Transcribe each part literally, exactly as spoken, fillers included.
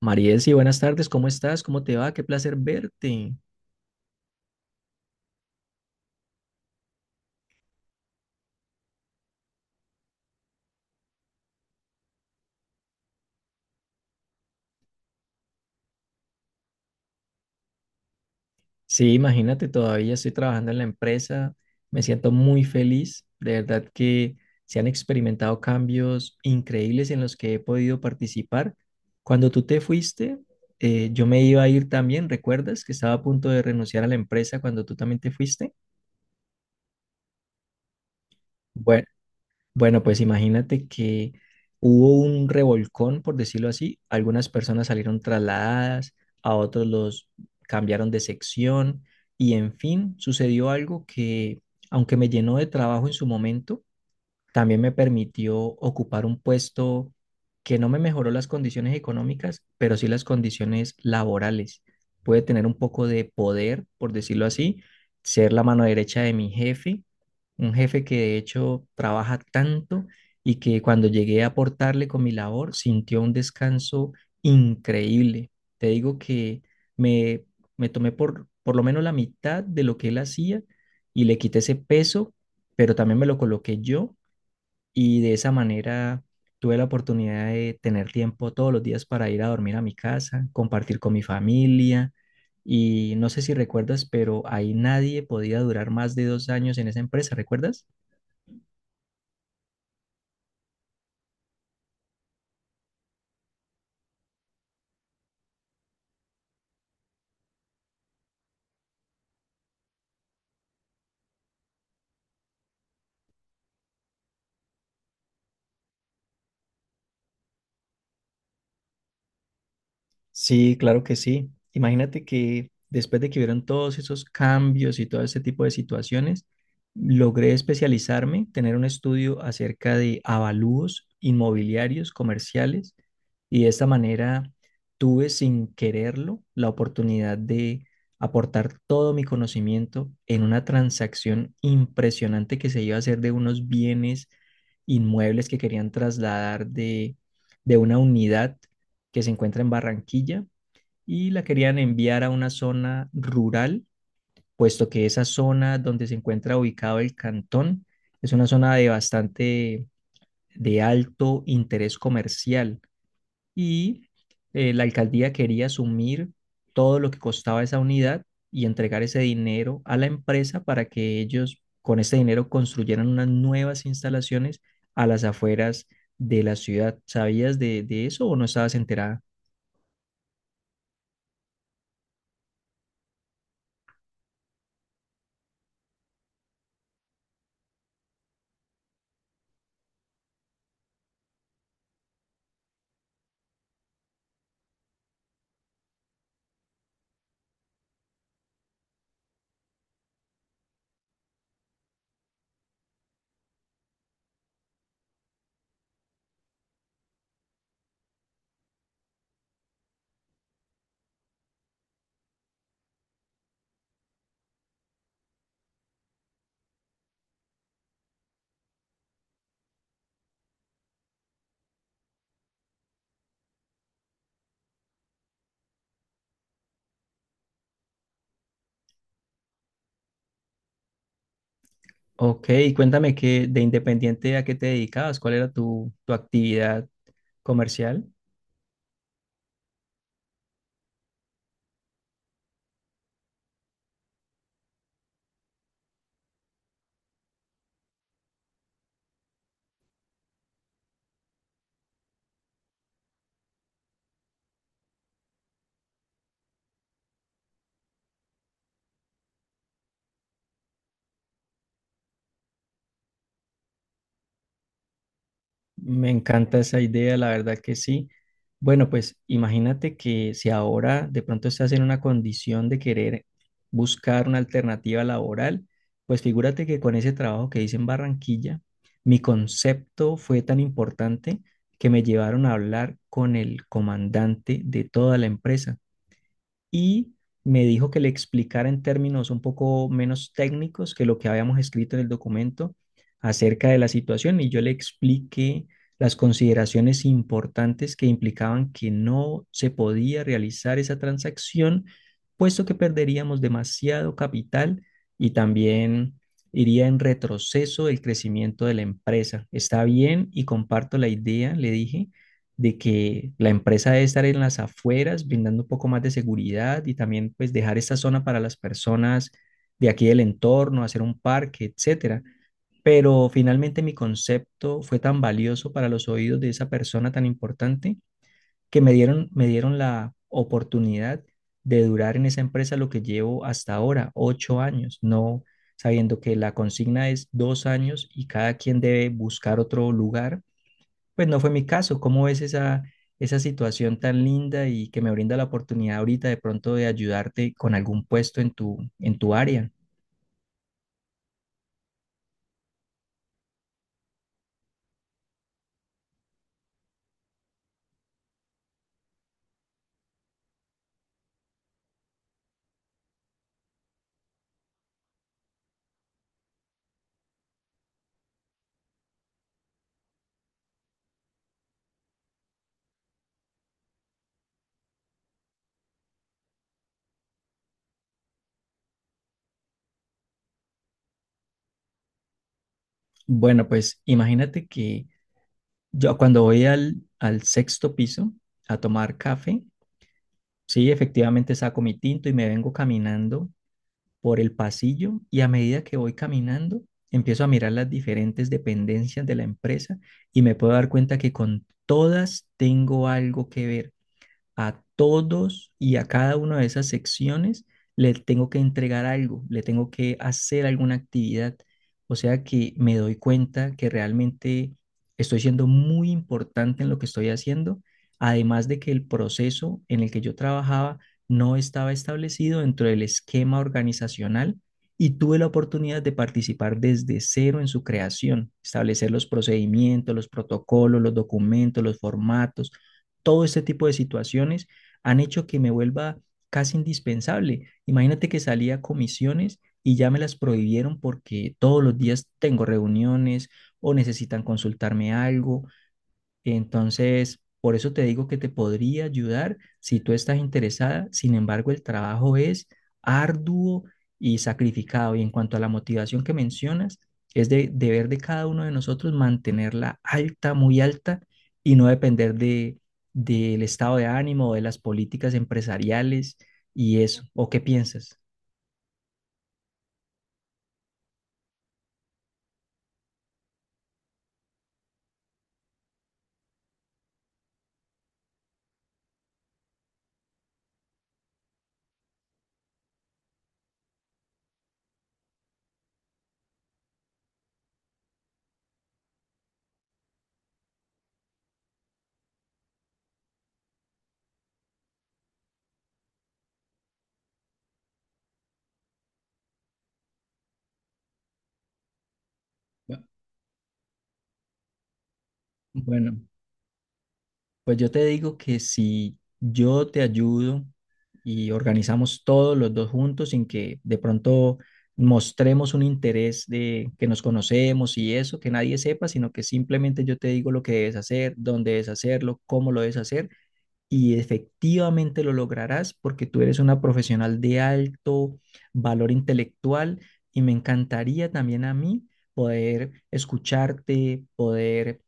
Mariesi, buenas tardes, ¿cómo estás? ¿Cómo te va? Qué placer verte. Sí, imagínate, todavía estoy trabajando en la empresa, me siento muy feliz, de verdad que se han experimentado cambios increíbles en los que he podido participar. Cuando tú te fuiste, eh, yo me iba a ir también. ¿Recuerdas que estaba a punto de renunciar a la empresa cuando tú también te fuiste? Bue- Bueno, pues imagínate que hubo un revolcón, por decirlo así. Algunas personas salieron trasladadas, a otros los cambiaron de sección y en fin, sucedió algo que, aunque me llenó de trabajo en su momento, también me permitió ocupar un puesto que no me mejoró las condiciones económicas, pero sí las condiciones laborales. Pude tener un poco de poder, por decirlo así, ser la mano derecha de mi jefe, un jefe que de hecho trabaja tanto y que cuando llegué a aportarle con mi labor sintió un descanso increíble. Te digo que me, me tomé por, por lo menos la mitad de lo que él hacía y le quité ese peso, pero también me lo coloqué yo y de esa manera tuve la oportunidad de tener tiempo todos los días para ir a dormir a mi casa, compartir con mi familia. Y no sé si recuerdas, pero ahí nadie podía durar más de dos años en esa empresa, ¿recuerdas? Sí, claro que sí. Imagínate que después de que vieron todos esos cambios y todo ese tipo de situaciones, logré especializarme, tener un estudio acerca de avalúos inmobiliarios, comerciales, y de esta manera tuve sin quererlo la oportunidad de aportar todo mi conocimiento en una transacción impresionante que se iba a hacer de unos bienes inmuebles que querían trasladar de, de una unidad que se encuentra en Barranquilla y la querían enviar a una zona rural, puesto que esa zona donde se encuentra ubicado el cantón es una zona de bastante de alto interés comercial y eh, la alcaldía quería asumir todo lo que costaba esa unidad y entregar ese dinero a la empresa para que ellos con ese dinero construyeran unas nuevas instalaciones a las afueras de la ciudad. ¿Sabías de, de eso o no estabas enterada? Ok, cuéntame que de independiente a qué te dedicabas, cuál era tu, tu actividad comercial. Me encanta esa idea, la verdad que sí. Bueno, pues imagínate que si ahora de pronto estás en una condición de querer buscar una alternativa laboral, pues figúrate que con ese trabajo que hice en Barranquilla, mi concepto fue tan importante que me llevaron a hablar con el comandante de toda la empresa, y me dijo que le explicara en términos un poco menos técnicos que lo que habíamos escrito en el documento acerca de la situación y yo le expliqué las consideraciones importantes que implicaban que no se podía realizar esa transacción, puesto que perderíamos demasiado capital y también iría en retroceso del crecimiento de la empresa. Está bien y comparto la idea, le dije, de que la empresa debe estar en las afueras, brindando un poco más de seguridad y también pues dejar esta zona para las personas de aquí del entorno, hacer un parque, etcétera. Pero finalmente mi concepto fue tan valioso para los oídos de esa persona tan importante que me dieron, me dieron la oportunidad de durar en esa empresa lo que llevo hasta ahora, ocho años, no sabiendo que la consigna es dos años y cada quien debe buscar otro lugar, pues no fue mi caso. ¿Cómo ves esa, esa situación tan linda y que me brinda la oportunidad ahorita de pronto de ayudarte con algún puesto en tu, en tu área? Bueno, pues imagínate que yo cuando voy al, al sexto piso a tomar café, sí, efectivamente saco mi tinto y me vengo caminando por el pasillo y a medida que voy caminando, empiezo a mirar las diferentes dependencias de la empresa y me puedo dar cuenta que con todas tengo algo que ver, a todos y a cada una de esas secciones le tengo que entregar algo, le tengo que hacer alguna actividad. O sea que me doy cuenta que realmente estoy siendo muy importante en lo que estoy haciendo, además de que el proceso en el que yo trabajaba no estaba establecido dentro del esquema organizacional y tuve la oportunidad de participar desde cero en su creación, establecer los procedimientos, los protocolos, los documentos, los formatos. Todo este tipo de situaciones han hecho que me vuelva casi indispensable. Imagínate que salía a comisiones y ya me las prohibieron porque todos los días tengo reuniones o necesitan consultarme algo, entonces, por eso te digo que te podría ayudar si tú estás interesada. Sin embargo, el trabajo es arduo y sacrificado. Y en cuanto a la motivación que mencionas, es de deber de cada uno de nosotros mantenerla alta, muy alta, y no depender de, del estado de ánimo o de las políticas empresariales y eso. ¿O qué piensas? Bu- Bueno, pues yo te digo que si yo te ayudo y organizamos todos los dos juntos sin que de pronto mostremos un interés de que nos conocemos y eso, que nadie sepa, sino que simplemente yo te digo lo que debes hacer, dónde debes hacerlo, cómo lo debes hacer, y efectivamente lo lograrás porque tú eres una profesional de alto valor intelectual y me encantaría también a mí poder escucharte, poder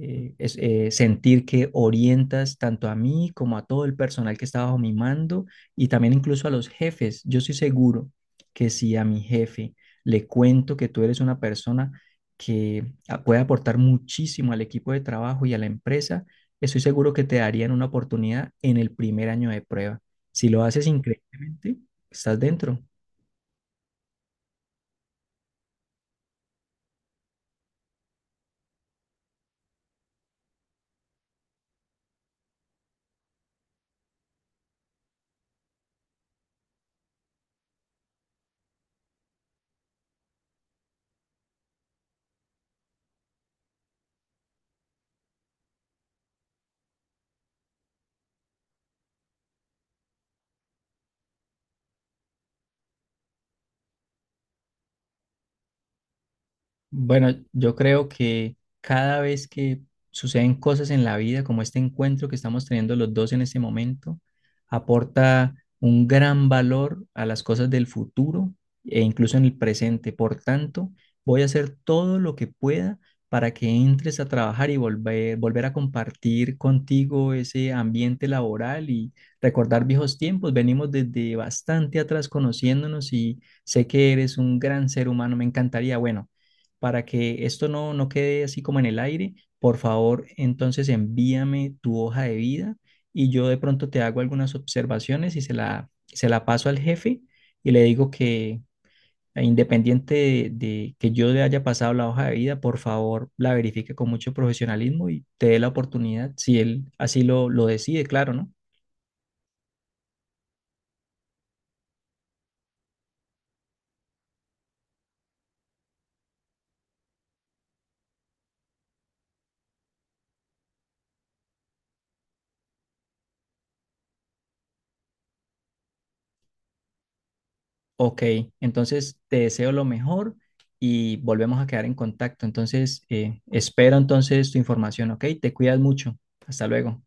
eh, es- eh, sentir que orientas tanto a mí como a todo el personal que está bajo mi mando y también incluso a los jefes. Yo estoy seguro que si a mi jefe le cuento que tú eres una persona que ah, puede aportar muchísimo al equipo de trabajo y a la empresa, estoy seguro que te darían una oportunidad en el primer año de prueba. Si lo haces increíblemente, estás dentro. Bueno, yo creo que cada vez que suceden cosas en la vida, como este encuentro que estamos teniendo los dos en este momento, aporta un gran valor a las cosas del futuro e incluso en el presente. Por tanto, voy a hacer todo lo que pueda para que entres a trabajar y volver, volver a compartir contigo ese ambiente laboral y recordar viejos tiempos. Venimos desde bastante atrás conociéndonos y sé que eres un gran ser humano. Me encantaría, bueno, para que esto no, no quede así como en el aire, por favor, entonces envíame tu hoja de vida y yo de pronto te hago algunas observaciones y se la, se la paso al jefe y le digo que eh, independiente de, de que yo le haya pasado la hoja de vida, por favor, la verifique con mucho profesionalismo y te dé la oportunidad, si él así lo, lo decide, claro, ¿no? Ok, entonces te deseo lo mejor y volvemos a quedar en contacto. Entonces, eh, espero entonces tu información, ¿ok? Te cuidas mucho. Hasta luego.